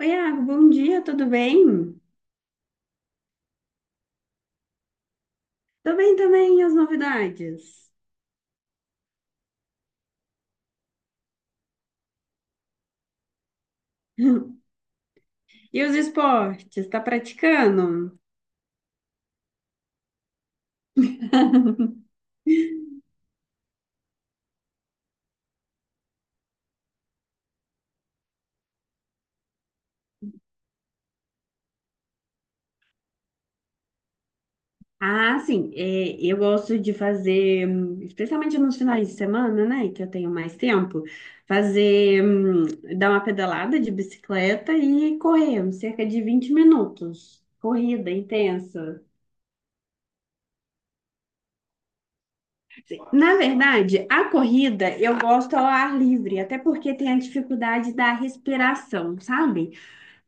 Oi, Iago, bom dia, tudo bem? Tô bem também, e as novidades? E os esportes, tá praticando? Ah, sim, eu gosto de fazer, especialmente nos finais de semana, né, que eu tenho mais tempo, fazer, dar uma pedalada de bicicleta e correr, cerca de 20 minutos. Corrida intensa. Na verdade, a corrida eu gosto ao ar livre, até porque tem a dificuldade da respiração, sabe?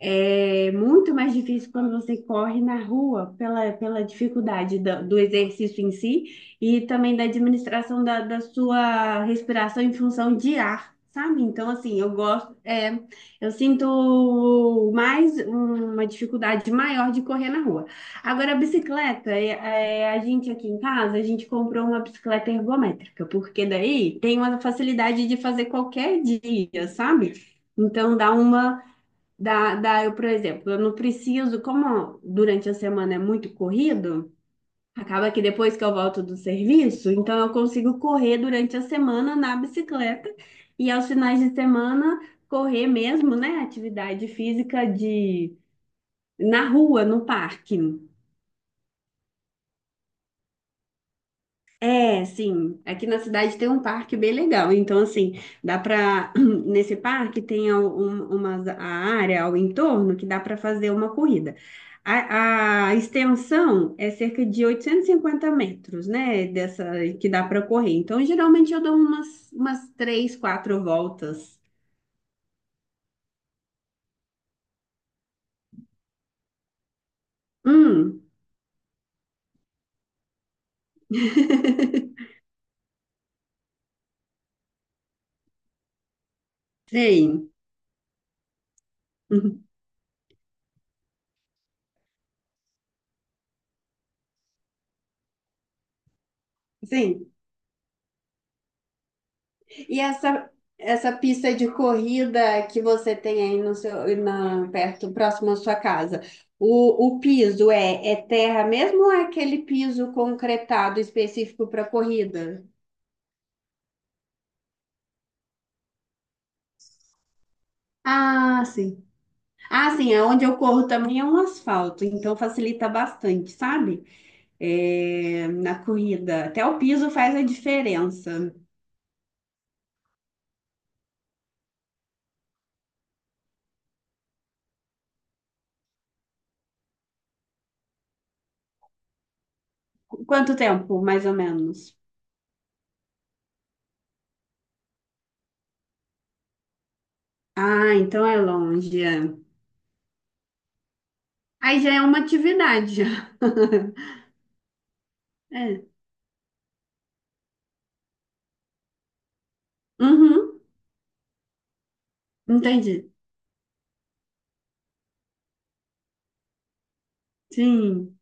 É muito mais difícil quando você corre na rua pela dificuldade do exercício em si e também da administração da sua respiração em função de ar, sabe? Então, assim, eu gosto, eu sinto mais uma dificuldade maior de correr na rua. Agora, a bicicleta, a gente aqui em casa, a gente comprou uma bicicleta ergométrica, porque daí tem uma facilidade de fazer qualquer dia, sabe? Então, eu, por exemplo, eu não preciso, como durante a semana é muito corrido, acaba que depois que eu volto do serviço, então eu consigo correr durante a semana na bicicleta e aos finais de semana correr mesmo, né? Atividade física de na rua, no parque. É, sim. Aqui na cidade tem um parque bem legal. Então, assim, dá para nesse parque tem a- um- uma a área ao entorno que dá para fazer uma corrida. A extensão é cerca de 850 metros, né? Dessa que dá para correr. Então, geralmente eu dou umas três, quatro voltas. Hum, sim, sim. E essa, essa pista de corrida que você tem aí no seu, na, perto, próximo à sua casa, o piso é terra mesmo ou é aquele piso concretado específico para corrida? Ah, sim. Ah, sim, aonde eu corro também é um asfalto, então facilita bastante, sabe? É, na corrida. Até o piso faz a diferença. Quanto tempo, mais ou menos? Ah, então é longe. É. Aí já é uma atividade, já. É. Uhum, entendi. Sim.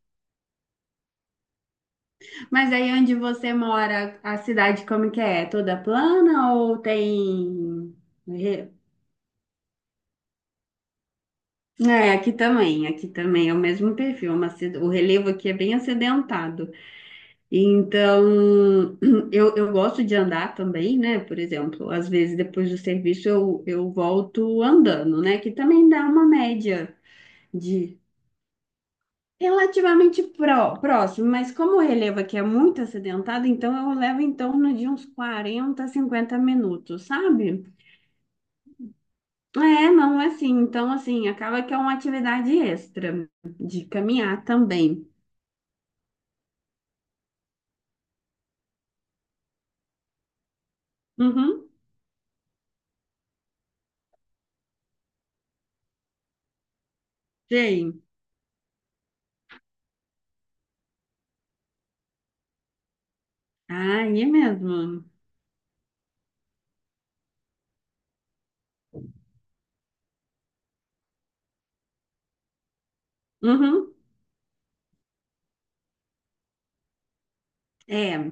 Mas aí onde você mora, a cidade como que é? É toda plana ou tem... re- É, aqui também é o mesmo perfil, o relevo aqui é bem acidentado. Então, eu gosto de andar também, né? Por exemplo, às vezes depois do serviço eu volto andando, né? Que também dá uma média. Relativamente próximo, mas como o relevo aqui é muito acidentado, então eu levo em torno de uns 40, 50 minutos, sabe? É, não é assim. Então, assim, acaba que é uma atividade extra de caminhar também. Uhum, sei. Ah, é mesmo. Uhum, é.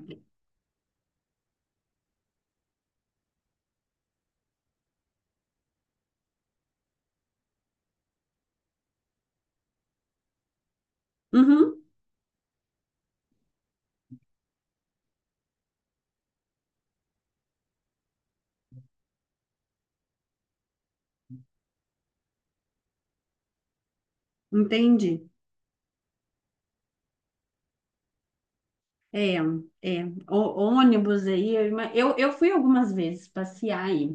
Uhum, entendi. É, é. O, ônibus aí, eu, ima- eu fui algumas vezes passear aí.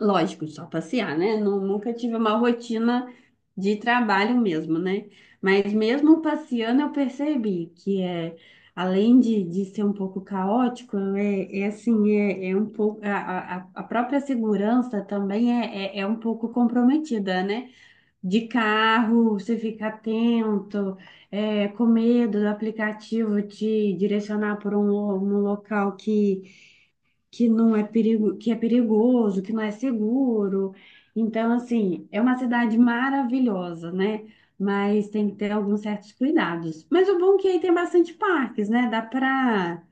Lógico, só passear, né? Nunca tive uma rotina de trabalho mesmo, né? Mas mesmo passeando, eu percebi que é, além de ser um pouco caótico, é um pouco a própria segurança também é um pouco comprometida, né? De carro, você fica atento, é, com medo do aplicativo te direcionar por um local que não é perigo, que é perigoso, que não é seguro. Então, assim, é uma cidade maravilhosa, né? Mas tem que ter alguns certos cuidados. Mas o bom é que aí tem bastante parques, né? Dá pra.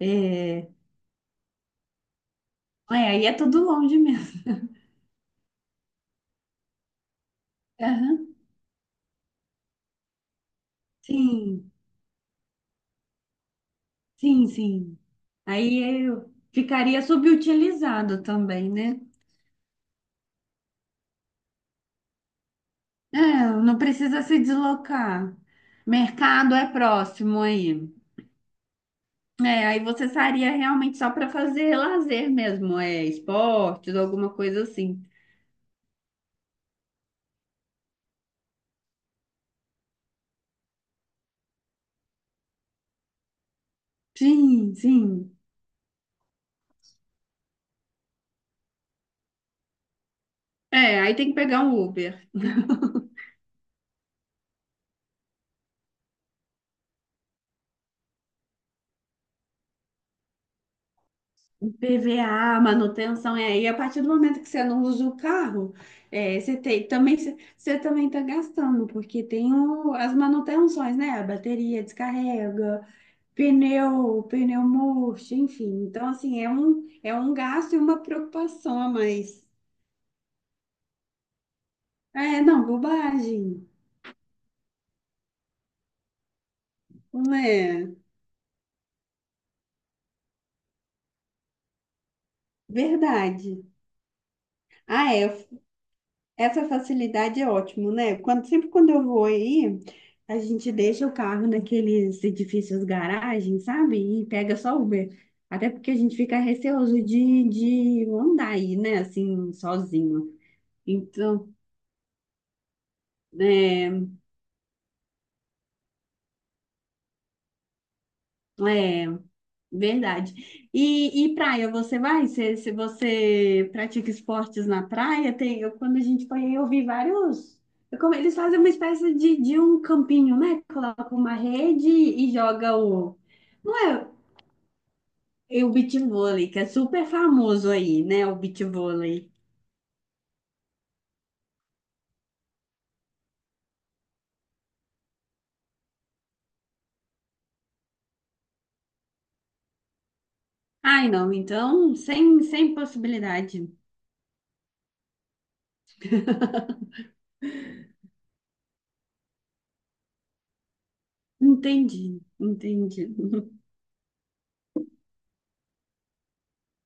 É, aí é tudo longe mesmo. Aham. Sim, sim, sim. Aí eu ficaria subutilizado também, né? É, não precisa se deslocar. Mercado é próximo aí. É, aí você sairia realmente só para fazer lazer mesmo, é, esportes, alguma coisa assim. Sim, sim. É, aí tem que pegar um Uber. Um PVA, manutenção, é, e a partir do momento que você não usa o carro, é, você tem, também, você também está gastando, porque tem as manutenções, né? A bateria descarrega, pneu murcho, enfim. Então, assim, é um gasto e uma preocupação a mais. É, não, bobagem, não é? Verdade. Ah, é. Essa facilidade é ótimo, né? Quando, sempre quando eu vou aí, a gente deixa o carro naqueles edifícios garagem, sabe? E pega só Uber. Até porque a gente fica receoso de andar aí, né? Assim, sozinho. Então, é, é. Verdade. E praia, você vai? Se você pratica esportes na praia, tem, eu, quando a gente foi aí, eu vi vários. Eu como, eles fazem uma espécie de um campinho, né? Coloca uma rede e joga o. Não é, é o beach vôlei, que é super famoso aí, né? O beach vôlei. Ai, não, então, sem, sem possibilidade. Entendi, entendi.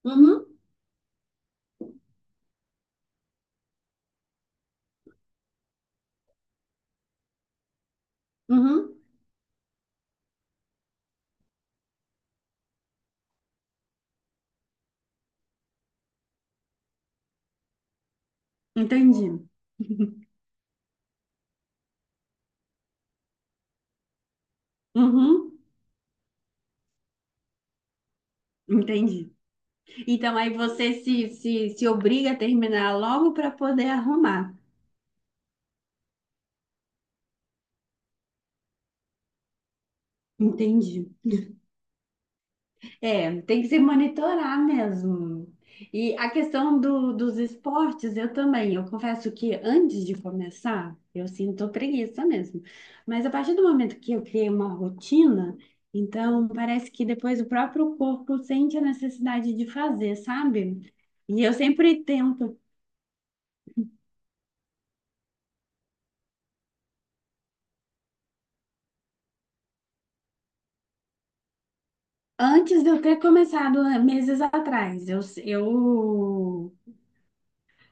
Uhum, uhum, entendi. Uhum, entendi. Então aí você se obriga a terminar logo para poder arrumar. Entendi. É, tem que se monitorar mesmo. E a questão do, dos esportes, eu também. Eu confesso que antes de começar, eu sinto preguiça mesmo. Mas a partir do momento que eu criei uma rotina, então parece que depois o próprio corpo sente a necessidade de fazer, sabe? E eu sempre tento. Antes de eu ter começado, né, meses atrás, eu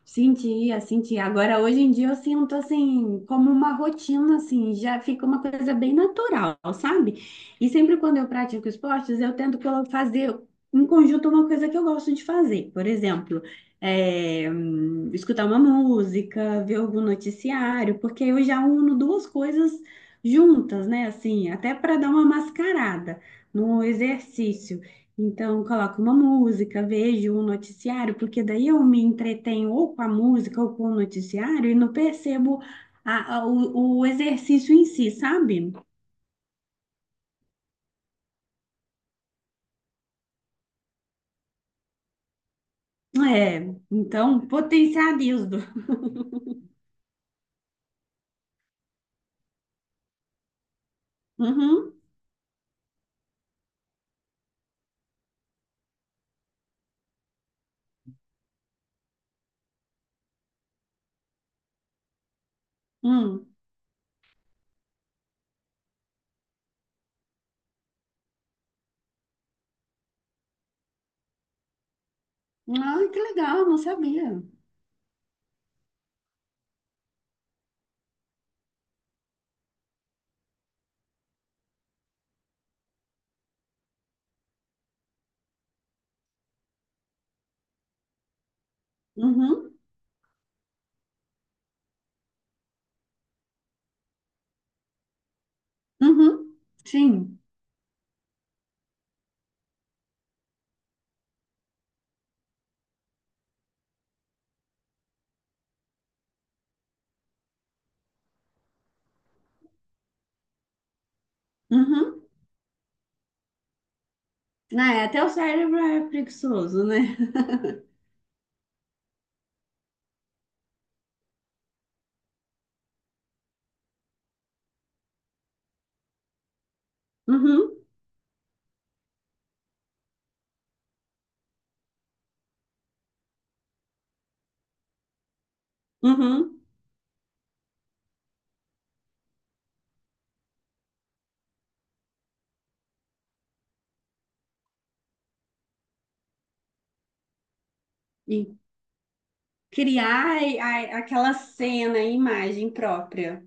sentia, sentia. Agora, hoje em dia, eu sinto assim, como uma rotina, assim, já fica uma coisa bem natural, sabe? E sempre quando eu pratico esportes, eu tento fazer em conjunto uma coisa que eu gosto de fazer. Por exemplo, é, escutar uma música, ver algum noticiário, porque eu já uno duas coisas juntas, né? Assim, até para dar uma mascarada no exercício. Então, coloco uma música, vejo um noticiário, porque daí eu me entretenho ou com a música ou com o noticiário e não percebo o exercício em si, sabe? É, então, potencializo. Uhum, hum. Ai, que legal, não sabia. Uhum, uhum, sim. Uhum. Ah, é, até o cérebro é preguiçoso, né? Uhum, uhum. E criar aquela cena, a imagem própria.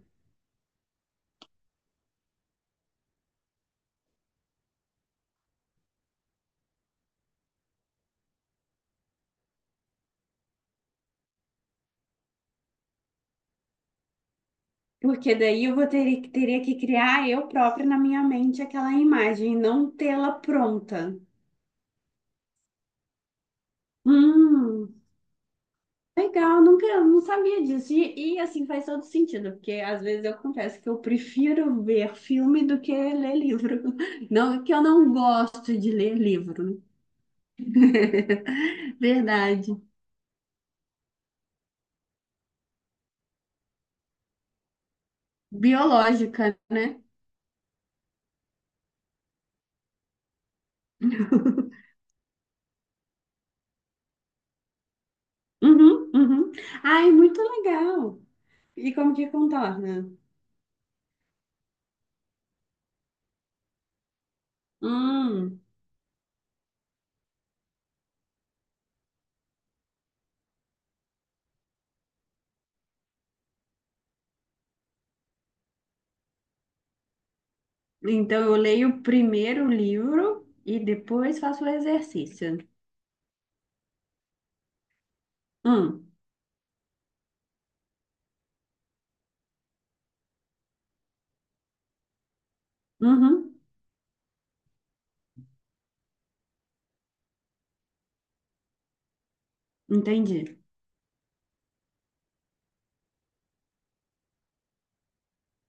Porque daí eu vou ter, teria que criar eu própria na minha mente aquela imagem, não tê-la pronta. Hum, legal, nunca, não sabia disso. E, assim faz todo sentido, porque às vezes eu confesso que eu prefiro ver filme do que ler livro. Não é que eu não gosto de ler livro. Verdade. Biológica, né? Uhum, uhum. Ai, muito legal. E como que contorna? Hum. Então, eu leio o primeiro livro e depois faço o exercício. Hum, uhum, entendi.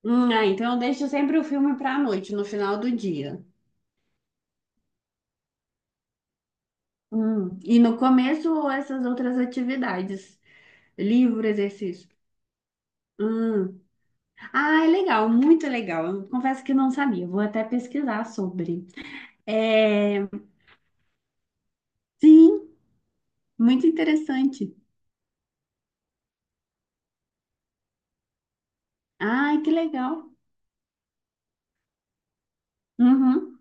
Ah, então eu deixo sempre o filme para a noite, no final do dia. E no começo, essas outras atividades. Livro, exercício. Hum. Ah, é legal, muito legal. Eu confesso que não sabia, vou até pesquisar sobre. É, sim, muito interessante. Ai, que legal. Uhum.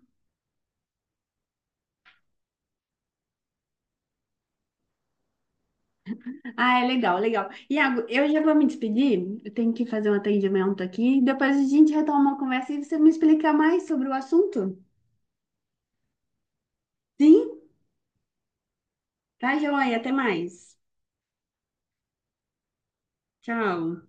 Ah, é legal, legal. Iago, eu já vou me despedir. Eu tenho que fazer um atendimento aqui. Depois a gente retoma a conversa e você me explica mais sobre o assunto. Sim? Tá, joia. Até mais. Tchau.